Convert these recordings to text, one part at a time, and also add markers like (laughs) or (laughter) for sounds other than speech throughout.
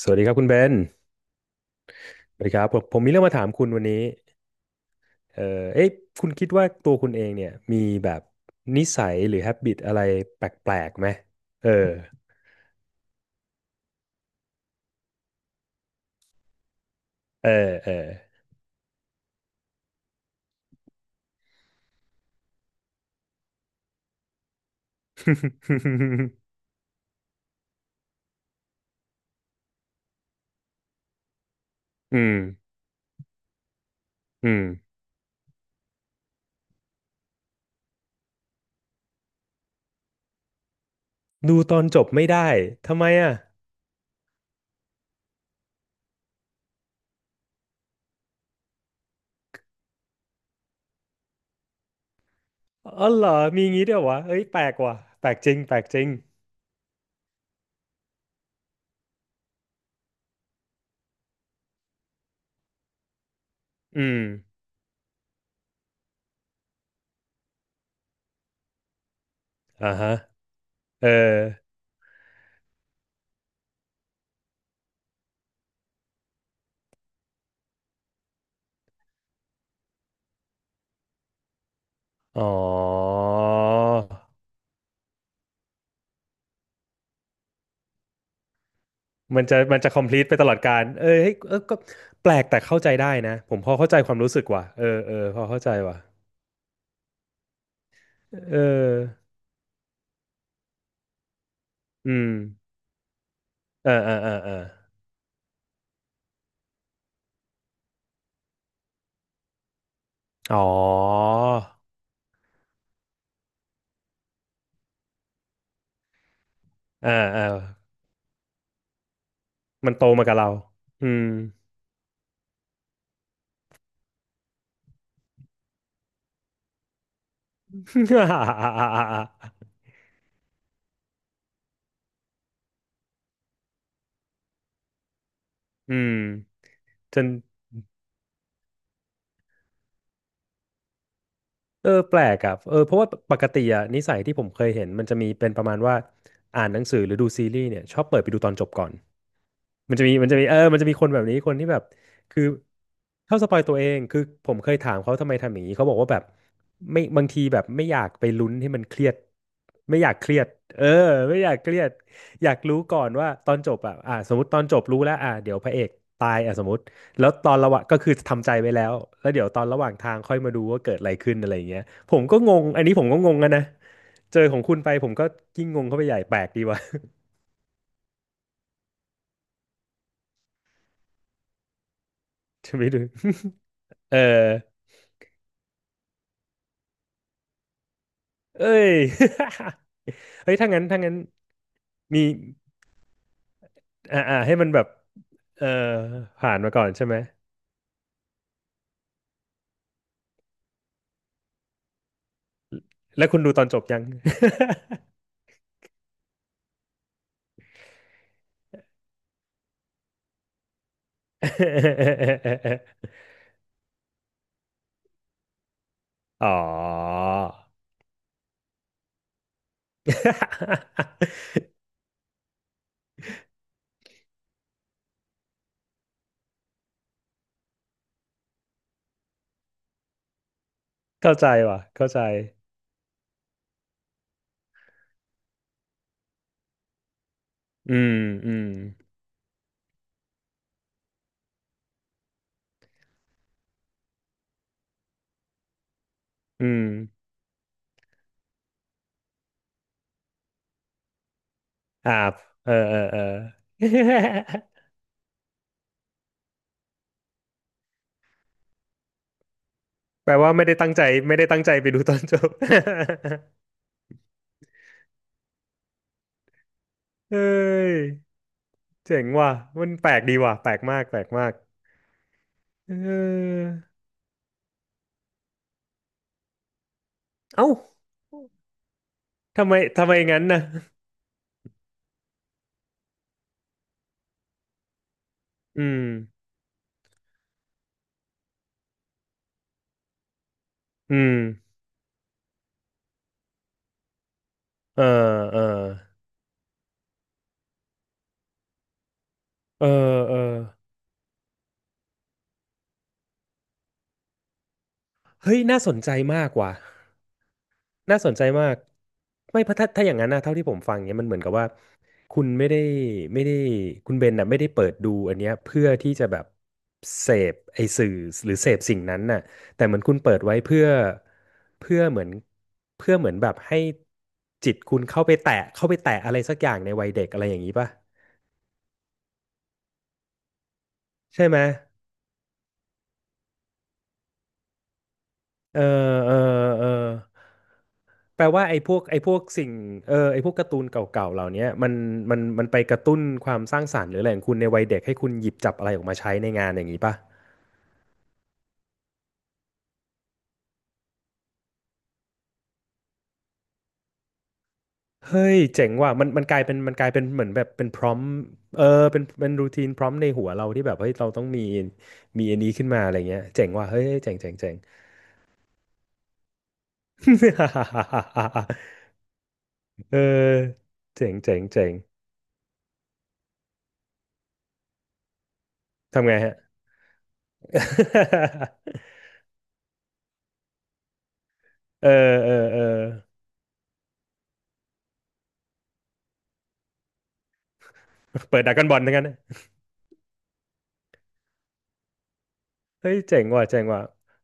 สวัสดีครับคุณเบนสวัสดีครับผมมีเรื่องมาถามคุณวันนี้เอ่อเอ๊ะคุณคิดว่าตัวคุณเองเนี่ยมีแบบนิสัยหรือ h a บ i t อะไรแปลกๆไหมเออเออเออ (laughs) อืมอืมดูตอนจบไม่ได้ทำไมอ่ะอ๋อเหรอมีงี้ด้วยวะเอ้ยแปลกว่ะแปลกจริงแปลกจริงอืมอ่าฮะเอออ๋อ มันจะcomplete ไปตลอดการเออเฮ้ยเออก็แปลกแต่เข้าใจได้นะผมพอเข้าใจความรู้สึกว่ะเออเออพอเข้าใจว่ะเอออืมเออเออเออเอออ๋อเออเออมันโตมากับเราอืม (laughs) อืมจนเออแปลกอ่ะเออเพราะว่าปกติอ่ะนิสัยที่ผมเคยเห็นมันจะมีเป็นประมาณว่าอ่านหนังสือหรือดูซีรีส์เนี่ยชอบเปิดไปดูตอนจบก่อน มันจะมีเออมันจะมีคนแบบนี้คนที่แบบคือเข้าสปอยตัวเองคือผมเคยถามเขาทำไมทำอย่างนี้เขาบอกว่าแบบไม่บางทีแบบไม่อยากไปลุ้นให้มันเครียดไม่อยากเครียดเออไม่อยากเครียดอยากรู้ก่อนว่าตอนจบอ่ะอ่ะสมมติตอนจบรู้แล้วอ่ะเดี๋ยวพระเอกตายอ่ะสมมติแล้วตอนระหว่างก็คือทำใจไว้แล้วแล้วเดี๋ยวตอนระหว่างทางค่อยมาดูว่าเกิดอะไรขึ้นอะไรอย่างเงี้ยผมก็งงอันนี้ผมก็งงอะนะเจอของคุณไปผมก็ยิ่งงงเข้าไปใหญ่แปลกดีว่ะ (laughs) ใช่ไหมดู (laughs) เออ เอ้ย (laughs) เฮ้ยถ้างั้น ถ้างั้นมีอ่าอ่าให้มันแบบเออผ่านมาก่อนใช่ไหมแล้วคุณดูตอนจบยัง (laughs) อ๋อ (laughs) เข้าใจว่ะเข้าใจอืมอืมอืมอ่าเออเออเออ (laughs) แปลว่าไม่ได้ตั้งใจ ไม่ได้ตั้งใจไปดูตอนจบ (laughs) เฮ้ยเจ๋งว่ะมันแปลกดีว่ะแปลกมากแปลกมากเออ เอ้าทำไมทำไมงั้นนะอืมอืมเออเออเออเออเฮ้ยน่าสนใจมากว่ะน่าสนใจมากไม่เพราะถ้าถ้าอย่างนั้นนะเท่าที่ผมฟังเนี้ยมันเหมือนกับว่าคุณไม่ได้ไม่ได้คุณเบนน่ะไม่ได้เปิดดูอันเนี้ยเพื่อที่จะแบบ เสพไอสื่อหรือ เสพสิ่งนั้นน่ะแต่เหมือนคุณเปิดไว้เพื่อเพื่อเหมือนเพื่อเหมือนแบบให้ จิตคุณเข้าไปแตะเข้าไปแตะอะไรสักอย่างในวัยเด็กอะไรอย่างนี้ป่ะใช่ไหม เออเออเออแปลว่าไอ้พวกสิ่งเออไอ้พวกการ์ตูนเก่าๆเหล่าเนี้ยมันมันไปกระตุ้นความสร้างสรรค์หรืออะไรของคุณในวัยเด็กให้คุณหยิบจับอะไรออกมาใช้ในงานอย่างนี้ป่ะเฮ้ยเจ๋งว่ะมันกลายเป็นมันกลายเป็นเหมือนแบบเป็นพร้อมเออเป็นเป็นรูทีนพร้อมในหัวเราที่แบบเฮ้ยเราต้องมีมีอันนี้ขึ้นมาอะไรเงี้ยเจ๋งว่ะเฮ้ยเจ๋งเจ๋งเจ๋ง (laughs) เออเจ๋งเจ๋งเจ๋งทำไงฮะ (laughs) เออเออเออ เปิดดราก้อนบอลทั้งนั้นเฮ้ยเจ๋งว่ะเจ๋งว่ะ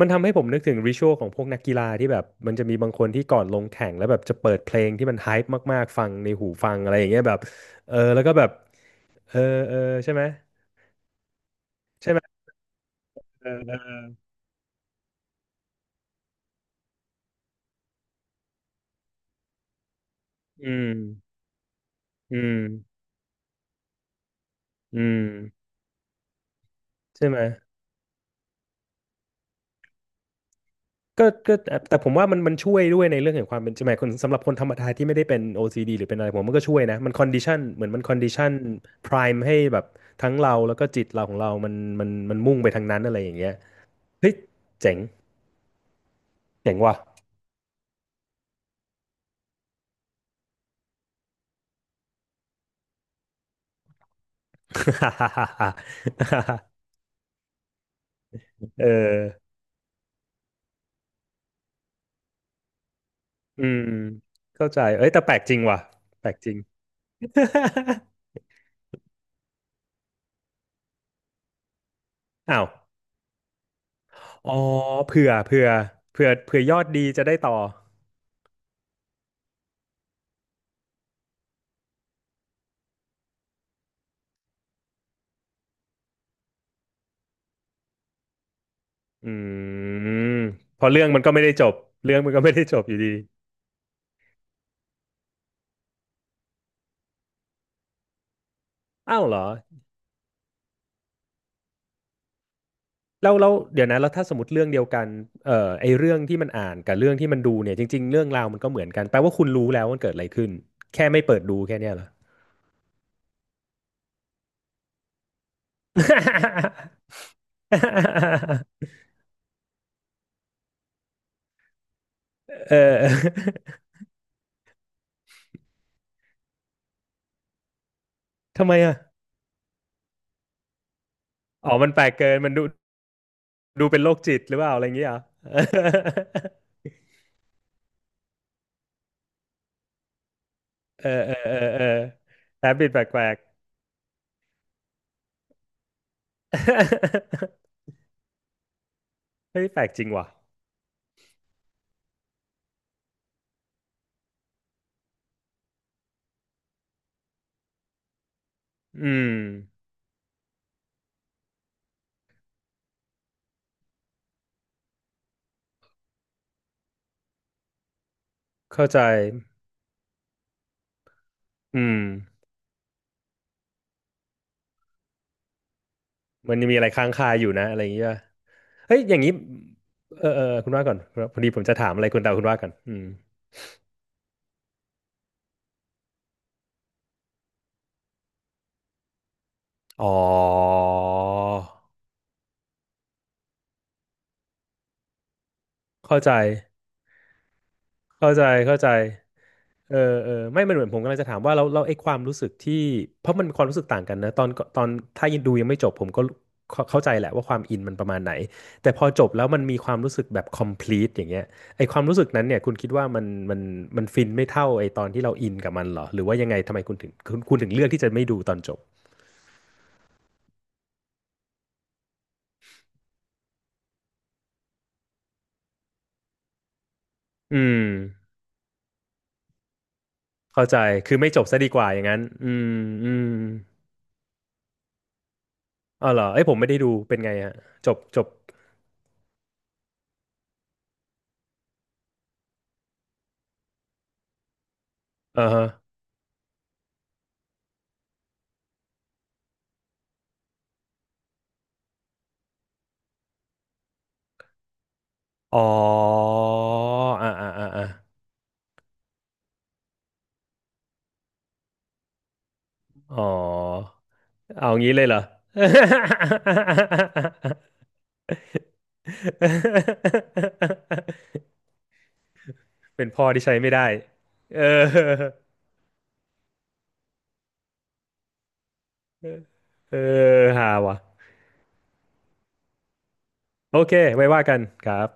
มันทำให้ผมนึกถึงริชวลของพวกนักกีฬาที่แบบมันจะมีบางคนที่ก่อนลงแข่งแล้วแบบจะเปิดเพลงที่มันไฮป์มากๆฟังในหูฟังอะไรอย่างเงี้ยแบบเออแล้วก็แบบเออเออใช่ไหมใช่ไหมเออเอออืมอืมอืมใช่ไหม ก็ก็แต่แต่ผมว่ามันมันช่วยด้วยในเรื่องของความเป็นจริงหมายคนสำหรับคนธรรมดาที่ไม่ได้เป็น OCD หรือเป็นอะไรผมว่ามันก็ช่วยนะมันคอนดิชันเหมือนมันคอนดิชันพราให้แบบทั้งเราแล้วก็จิตเราของเรามันมันมุ่งไปทางนั้นอะไรอย่างเงี้ยเฮ้ยเจ๋งเจ๋งว่ะ (laughs) เอออืมเข้าใจเอ้ยแต่แปลกจริงว่ะแปลกจริง (laughs) อ้าวอ๋อเผื่อเผื่อยอดดีจะได้ต่อ อืมพอเรื่องมันก็ไม่ได้จบเรื่องมันก็ไม่ได้จบอยู่ดีอ้าวเหรอแล้วเดี๋ยวนะแล้วถ้าสมมติเรื่องเดียวกันไอเรื่องที่มันอ่านกับเรื่องที่มันดูเนี่ยจริงๆเรื่องราวมันก็เหมือนกันแปลว่าคุณรู้แล้วมันเกิดอะไรขึ้นแค่ไม่เปิดดูแค่เนี้ยเหรอ (laughs) เออทำไมอ่ะอ๋อมันแปลกเกินมันดูดูเป็นโรคจิตหรือเปล่าอะไรอย่างเงี้ยเหรอ (laughs) เออเออเออเออแอบบิดแปลกๆ (laughs) เฮ้ยแปลกจริงว่ะอืมเข้าใจ อืมมันยังมีอะไรค้างคาอยู่นะอะไรอย่างเงี้ยเฮ้ยอย่างนี้เออเออคุณว่าก่อนพอดีผมจะถามอะไรคุณแต่คุณว่าก่อนอืมอ๋อเข้าใจเข้าใจเข้าใจ เออเออไม่มันเหมือนผมกำลังจะถามว่าเราไอ้ความรู้สึกที่เพราะมันความรู้สึกต่างกันนะตอนตอนถ้ายังดูยังไม่จบผมก็เข้าใจแหละว่าความอินมันประมาณไหนแต่พอจบแล้วมันมีความรู้สึกแบบ complete อย่างเงี้ยไอ้ความรู้สึกนั้นเนี่ยคุณคิดว่ามันมันฟินไม่เท่าไอ้ตอนที่เราอินกับมันเหรอหรือว่ายังไงทำไมคุณคุณถึงเลือกที่จะไม่ดูตอนจบอืมเข้าใจคือไม่จบซะดีกว่าอย่างนั้นอืมอืมอ๋อเหรอไอ้ยผมไม่ได้ดูเป็นไงฮะจบจบเออฮะอ๋ออ่าอ่าอ่า อ๋อเอางี้เลยเหรอ (laughs) เป็นพ่อที่ใช้ไม่ได้เออเออฮาวะโอเคไว้ว่ากันครับ